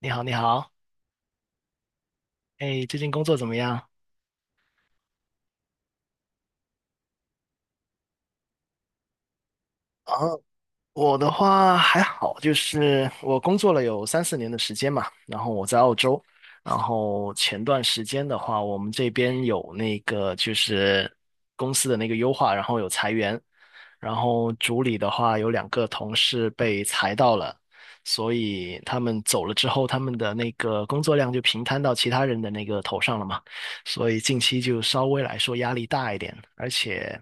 你好，你好，哎，最近工作怎么样？啊，我的话还好，就是我工作了有三四年的时间嘛，然后我在澳洲，然后前段时间的话，我们这边有那个就是公司的那个优化，然后有裁员，然后组里的话有两个同事被裁到了，所以他们走了之后，他们的那个工作量就平摊到其他人的那个头上了嘛，所以近期就稍微来说压力大一点，而且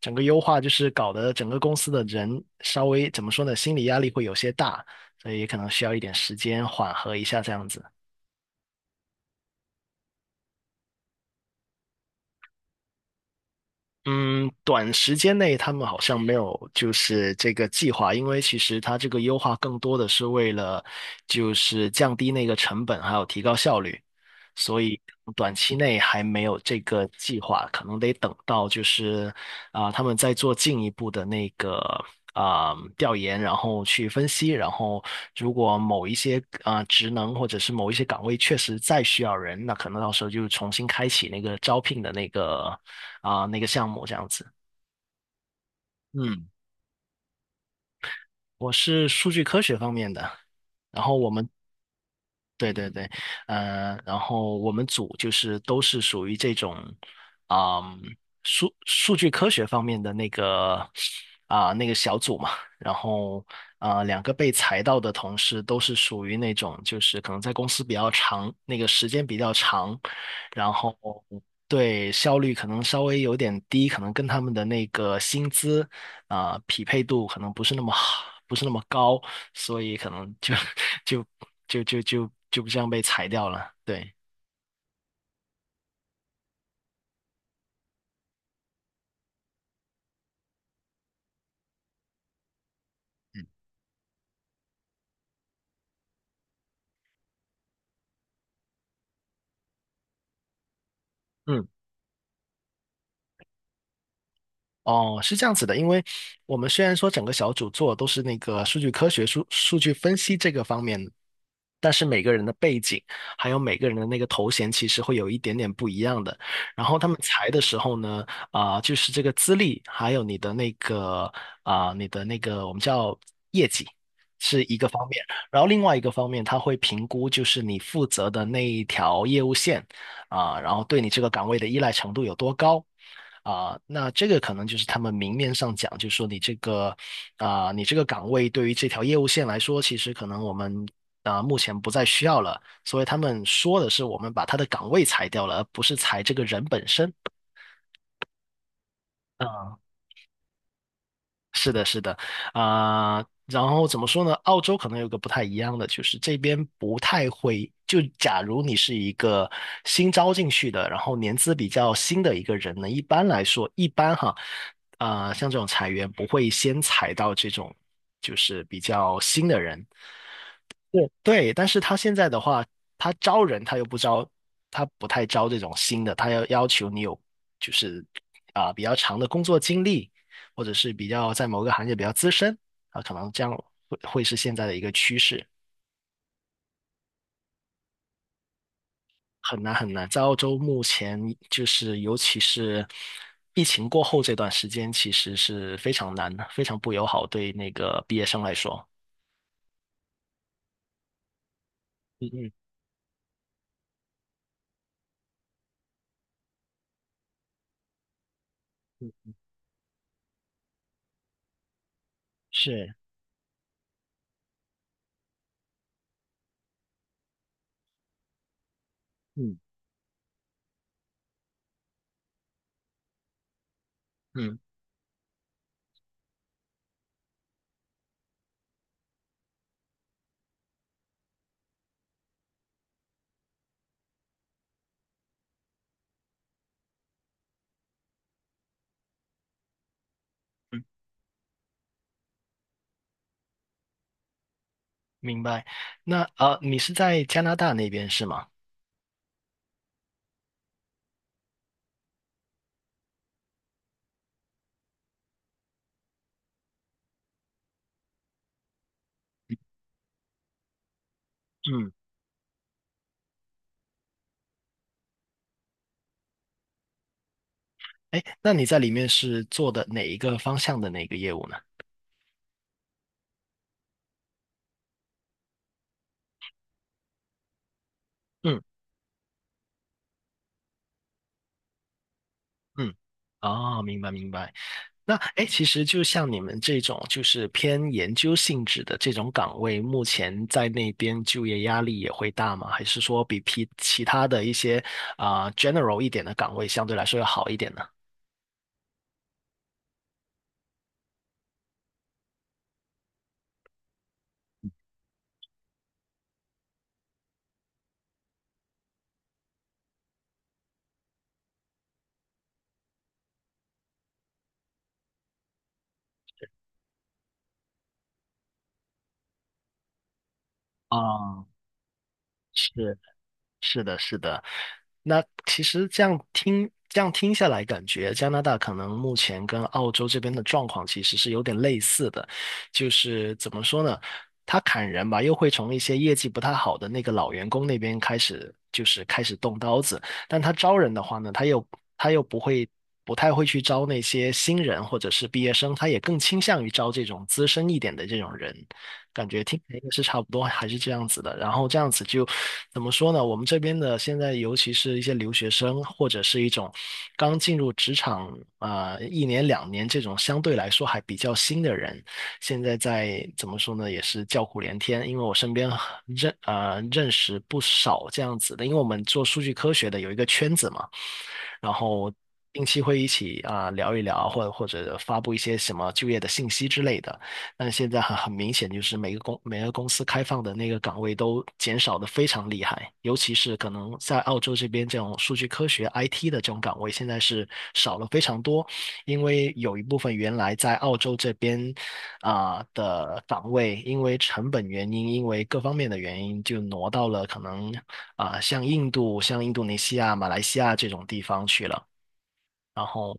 整个优化就是搞得整个公司的人稍微怎么说呢，心理压力会有些大，所以可能需要一点时间缓和一下这样子。嗯，短时间内他们好像没有就是这个计划，因为其实它这个优化更多的是为了就是降低那个成本，还有提高效率。所以短期内还没有这个计划，可能得等到就是他们在做进一步的那个调研，然后去分析，然后如果某一些职能或者是某一些岗位确实再需要人，那可能到时候就重新开启那个招聘的那个那个项目这样子。嗯，我是数据科学方面的，然后我们对对对，然后我们组就是都是属于这种，啊、数据科学方面的那个小组嘛，然后两个被裁到的同事都是属于那种就是可能在公司比较长，那个时间比较长，然后对效率可能稍微有点低，可能跟他们的那个薪资匹配度可能不是那么好，不是那么高。所以可能就 就就这样被裁掉了。对，嗯。哦，是这样子的，因为我们虽然说整个小组做都是那个数据科学、数据分析这个方面，但是每个人的背景还有每个人的那个头衔其实会有一点点不一样的。然后他们裁的时候呢，就是这个资历，还有你的那个我们叫业绩是一个方面，然后另外一个方面他会评估就是你负责的那一条业务线然后对你这个岗位的依赖程度有多高。那这个可能就是他们明面上讲，就是说你这个岗位对于这条业务线来说，其实可能我们目前不再需要了，所以他们说的是我们把他的岗位裁掉了，而不是裁这个人本身。啊。是的，是的，然后怎么说呢？澳洲可能有个不太一样的，就是这边不太会。就假如你是一个新招进去的，然后年资比较新的一个人呢，一般来说，一般哈，像这种裁员不会先裁到这种就是比较新的人，对，但是他现在的话，他招人他又不招，他不太招这种新的，他要求你有就是比较长的工作经历，或者是比较在某个行业比较资深啊，可能这样会是现在的一个趋势，很难很难。在澳洲目前就是尤其是疫情过后这段时间，其实是非常难的，非常不友好对那个毕业生来说。嗯嗯嗯，是，嗯嗯。明白。那你是在加拿大那边是吗？嗯，哎，那你在里面是做的哪一个方向的哪个业务呢？嗯嗯，哦，明白明白。那哎，诶其实就像你们这种就是偏研究性质的这种岗位，目前在那边就业压力也会大吗？还是说比其他的一些general 一点的岗位相对来说要好一点呢？啊，是。是的，是的。那其实这样听下来，感觉加拿大可能目前跟澳洲这边的状况其实是有点类似的，就是怎么说呢？他砍人吧，又会从一些业绩不太好的那个老员工那边开始，就是开始动刀子。但他招人的话呢，他又不会，不太会去招那些新人或者是毕业生，他也更倾向于招这种资深一点的这种人。感觉听起来应该是差不多，还是这样子的。然后这样子就怎么说呢？我们这边的现在，尤其是一些留学生，或者是一种刚进入职场一年两年这种相对来说还比较新的人，现在在怎么说呢？也是叫苦连天，因为我身边认识不少这样子的，因为我们做数据科学的有一个圈子嘛。然后定期会一起聊一聊，或者发布一些什么就业的信息之类的。但现在很明显，就是每个公司开放的那个岗位都减少的非常厉害，尤其是可能在澳洲这边这种数据科学 IT 的这种岗位，现在是少了非常多，因为有一部分原来在澳洲这边，的岗位，因为成本原因，因为各方面的原因，就挪到了可能像印度、像印度尼西亚、马来西亚这种地方去了。然后，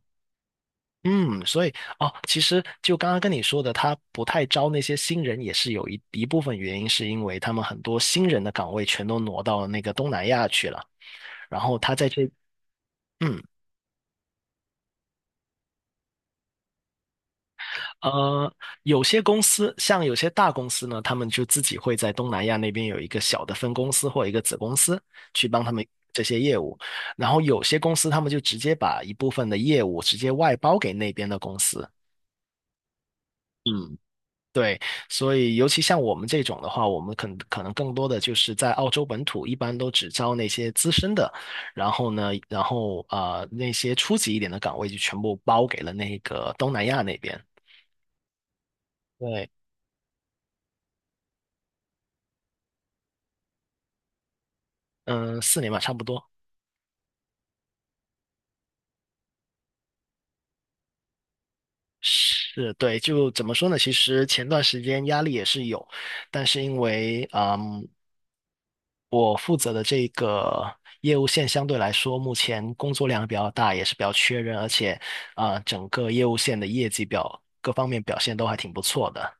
嗯，所以哦，其实就刚刚跟你说的，他不太招那些新人，也是有一部分原因，是因为他们很多新人的岗位全都挪到那个东南亚去了。然后他在这，嗯。呃，有些公司，像有些大公司呢，他们就自己会在东南亚那边有一个小的分公司或一个子公司，去帮他们这些业务。然后有些公司，他们就直接把一部分的业务直接外包给那边的公司。嗯，对，所以尤其像我们这种的话，我们可能更多的就是在澳洲本土，一般都只招那些资深的，然后呢，然后那些初级一点的岗位就全部包给了那个东南亚那边。对，嗯，四年吧，差不多。是对，就怎么说呢？其实前段时间压力也是有，但是因为，我负责的这个业务线相对来说，目前工作量比较大，也是比较缺人，而且整个业务线的业绩表各方面表现都还挺不错的。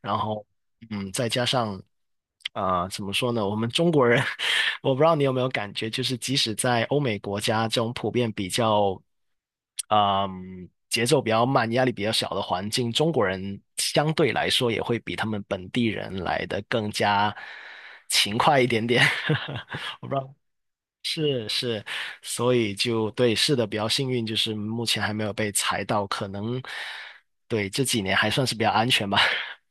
然后，再加上怎么说呢？我们中国人，我不知道你有没有感觉，就是即使在欧美国家这种普遍比较节奏比较慢、压力比较小的环境，中国人相对来说也会比他们本地人来的更加勤快一点点。我不知道，是是，所以就对，是的，比较幸运，就是目前还没有被裁到，可能对这几年还算是比较安全吧。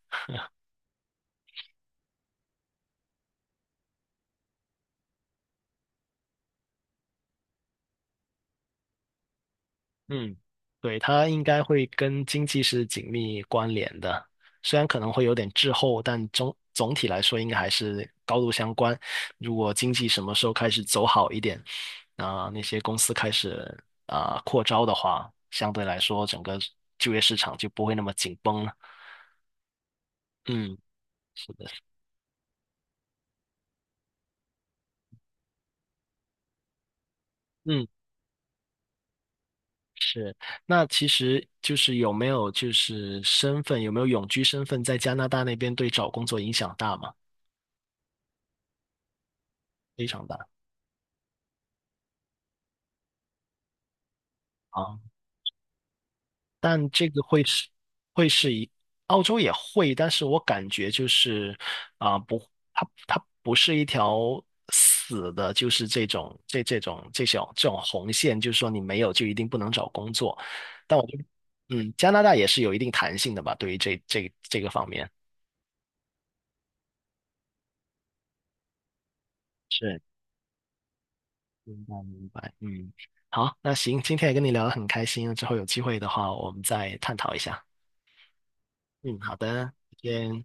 嗯，对，它应该会跟经济是紧密关联的，虽然可能会有点滞后，但总体来说应该还是高度相关。如果经济什么时候开始走好一点，那些公司开始扩招的话，相对来说整个就业市场就不会那么紧绷了。嗯，是的，嗯，是。那其实就是有没有就是身份，有没有永居身份，在加拿大那边对找工作影响大吗？非常大。啊。但这个会是一，澳洲也会，但是我感觉就是不，它不是一条死的，就是这种这种红线，就是说你没有就一定不能找工作。但我就，加拿大也是有一定弹性的吧，对于这个方面是明白明白，嗯，好，那行，今天也跟你聊得很开心，之后有机会的话我们再探讨一下。嗯，好的，再见。